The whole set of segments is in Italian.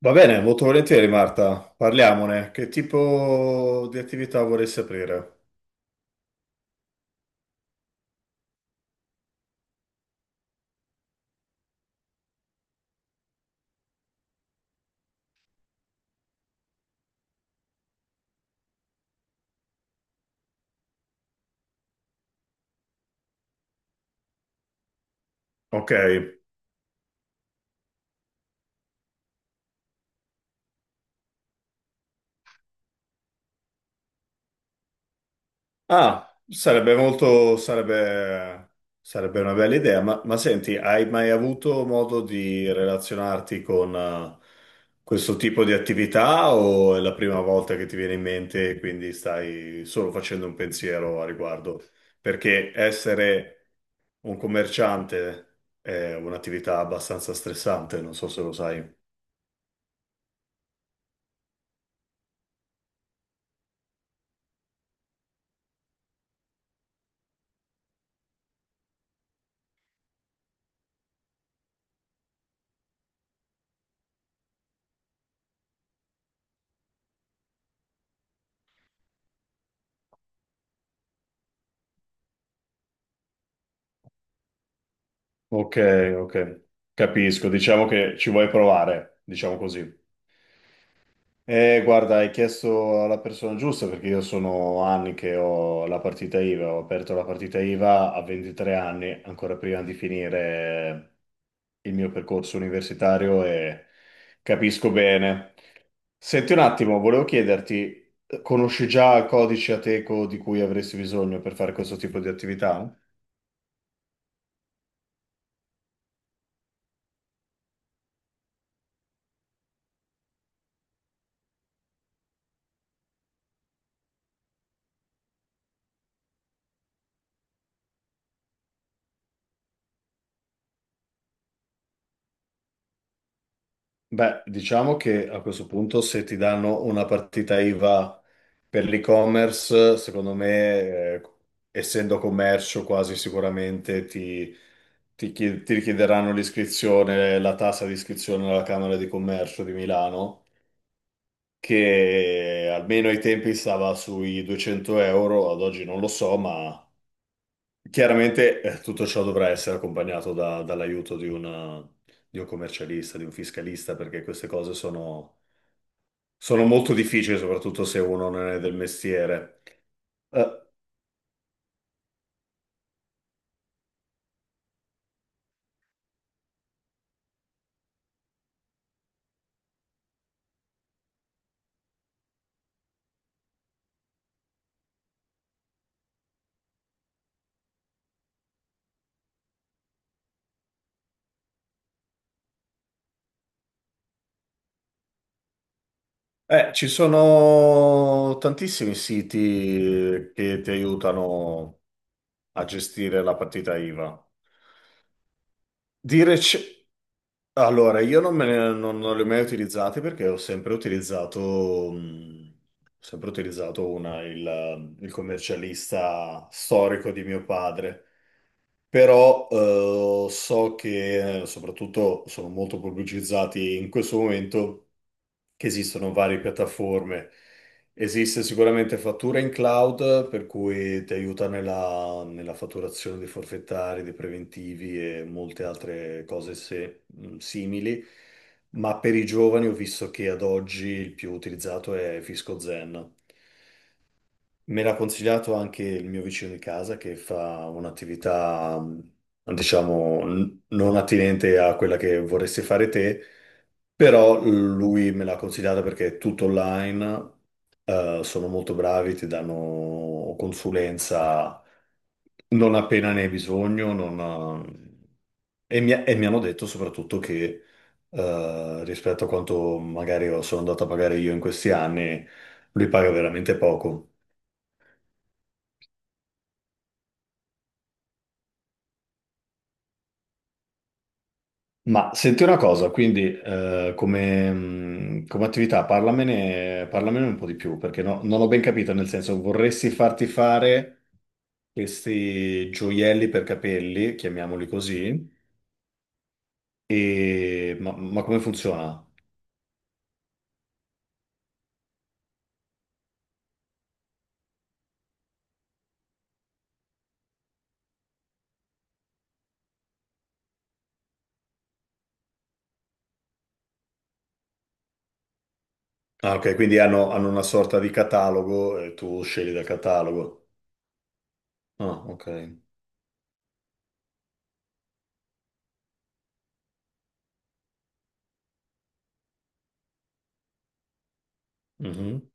Va bene, molto volentieri Marta, parliamone. Che tipo di attività vorresti aprire? Ok. Ah, sarebbe molto, sarebbe, sarebbe una bella idea, ma senti, hai mai avuto modo di relazionarti con questo tipo di attività o è la prima volta che ti viene in mente e quindi stai solo facendo un pensiero a riguardo? Perché essere un commerciante è un'attività abbastanza stressante, non so se lo sai. Ok, ok, capisco. Diciamo che ci vuoi provare, diciamo così. Guarda, hai chiesto alla persona giusta perché io sono anni che ho la partita IVA, ho aperto la partita IVA a 23 anni, ancora prima di finire il mio percorso universitario e capisco bene. Senti un attimo, volevo chiederti, conosci già il codice Ateco di cui avresti bisogno per fare questo tipo di attività? Beh, diciamo che a questo punto se ti danno una partita IVA per l'e-commerce, secondo me, eh, essendo commercio quasi sicuramente ti, ti richiederanno l'iscrizione, la tassa di iscrizione alla Camera di Commercio di Milano, che almeno ai tempi stava sui 200, ad oggi non lo so, ma chiaramente tutto ciò dovrà essere accompagnato da- dall'aiuto di una- di un commercialista, di un fiscalista, perché queste cose sono sono molto difficili, soprattutto se uno non è del mestiere. Eh, ci sono tantissimi siti che ti aiutano a gestire la partita IVA. Dire c- Allora, io non, non li ho mai utilizzati perché ho sempre utilizzato una- il commercialista storico di mio padre. Però so che soprattutto sono molto pubblicizzati in questo momento che esistono varie piattaforme. Esiste sicuramente fattura in cloud, per cui ti aiuta nella, nella fatturazione dei forfettari, dei preventivi e molte altre cose simili. Ma per i giovani ho visto che ad oggi il più utilizzato è Fisco Zen. Me l'ha consigliato anche il mio vicino di casa che fa un'attività, diciamo, non attinente a quella che vorresti fare te però lui me l'ha consigliata perché è tutto online, sono molto bravi, ti danno consulenza non appena ne hai bisogno, e mi hanno detto soprattutto che rispetto a quanto magari sono andato a pagare io in questi anni, lui paga veramente poco. Ma senti una cosa, quindi come, come attività parlamene, parlamene un po' di più, perché non ho ben capito, nel senso vorresti farti fare questi gioielli per capelli, chiamiamoli così, e... ma come funziona? Ah, ok, quindi hanno, hanno una sorta di catalogo e tu scegli dal catalogo. Ah, ok. Mhm.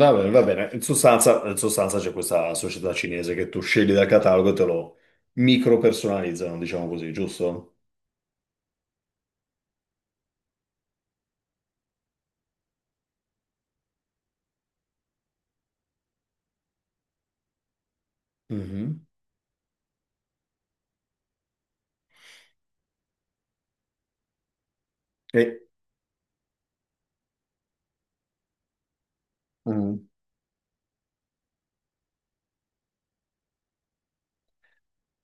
Va bene, va bene. In sostanza c'è questa società cinese che tu scegli dal catalogo e te lo micro personalizzano, diciamo così, giusto? Mhm. E... Mhm.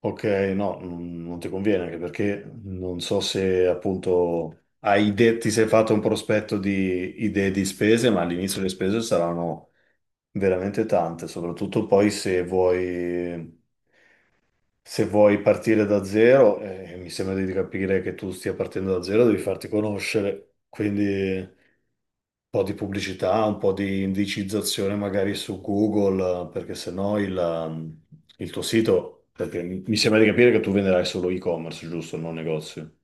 Ok, no, non non ti conviene anche perché non so se appunto hai idee, ti sei fatto un prospetto di idee di spese, ma all'inizio le spese saranno veramente tante, soprattutto poi se vuoi. Se vuoi partire da zero, mi sembra di capire che tu stia partendo da zero, devi farti conoscere, quindi un po' di pubblicità, un po' di indicizzazione magari su Google, perché sennò il tuo sito, perché mi mi sembra di capire che tu venderai solo e-commerce, giusto, non negozio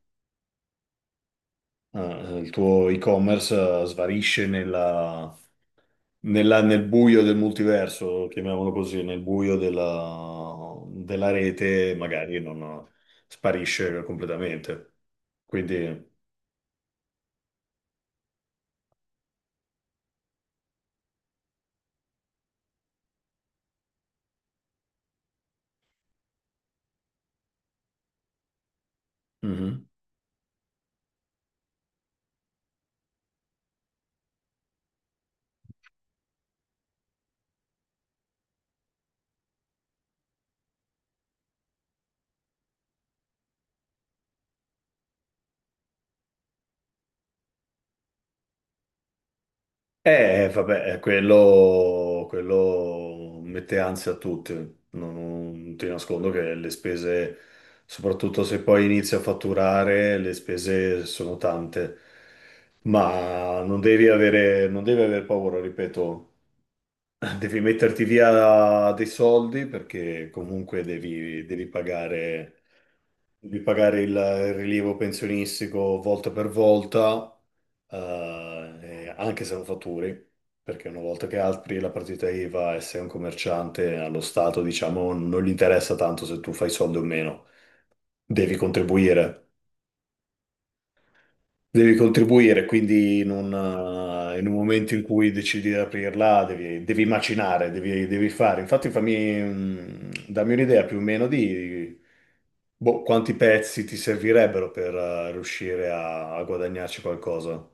il tuo e-commerce svanisce nella- nel buio del multiverso, chiamiamolo così, nel buio della, della rete, magari non eh, sparisce completamente. Quindi, mhm. Vabbè, quello, quello mette ansia a tutti, non, non ti nascondo che le spese, soprattutto se poi inizi a fatturare, le spese sono tante, ma non devi avere, non devi aver paura, ripeto, devi metterti via dei soldi perché comunque devi, devi pagare il rilievo pensionistico volta per volta, anche se non fatturi, perché una volta che apri la partita IVA e sei un commerciante, allo Stato, diciamo, non gli interessa tanto se tu fai soldi o meno. Devi contribuire. Devi contribuire, quindi in un momento in cui decidi di aprirla, devi, devi macinare, devi, devi fare. Infatti, dammi un'idea più o meno di boh, quanti pezzi ti servirebbero per riuscire a a guadagnarci qualcosa.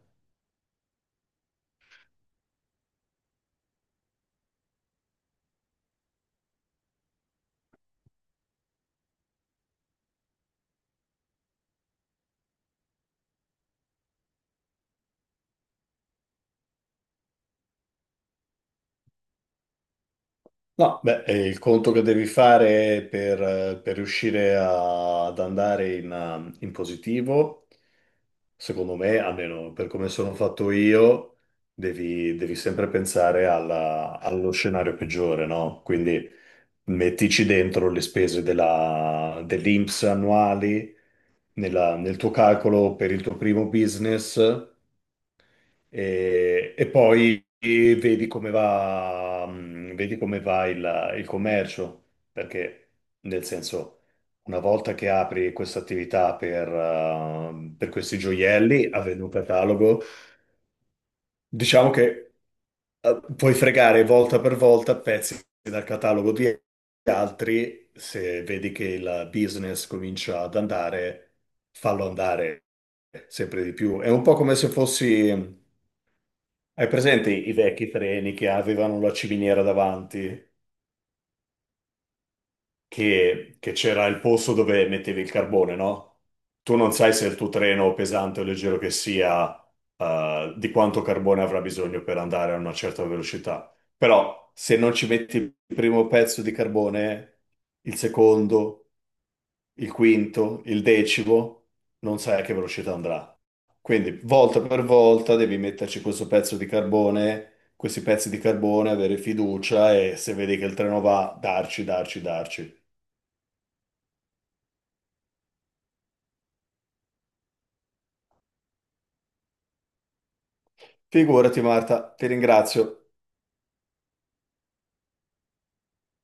No, beh, è il conto che devi fare per riuscire a- ad andare in, in positivo, secondo me, almeno per come sono fatto io, devi, devi sempre pensare allo scenario peggiore, no? Quindi mettici dentro le spese della, dell'INPS annuali nel tuo calcolo per il tuo primo business. E poi vedi come va il commercio, perché nel senso, una volta che apri questa attività per questi gioielli, avendo un catalogo, diciamo che puoi fregare volta per volta pezzi dal catalogo di altri, se vedi che il business comincia ad andare, fallo andare sempre di più. È un po' come se fossi hai presente i i vecchi treni che avevano la ciminiera davanti, che c'era il posto dove mettevi il carbone, no? Tu non sai se il tuo treno, pesante o leggero che sia, di quanto carbone avrà bisogno per andare a una certa velocità. Però se non ci metti il primo pezzo di carbone, il secondo, il quinto, il decimo, non sai a che velocità andrà. Quindi volta per volta devi metterci questo pezzo di carbone, questi pezzi di carbone, avere fiducia e se vedi che il treno va, darci, darci, darci. Figurati Marta, ti ringrazio.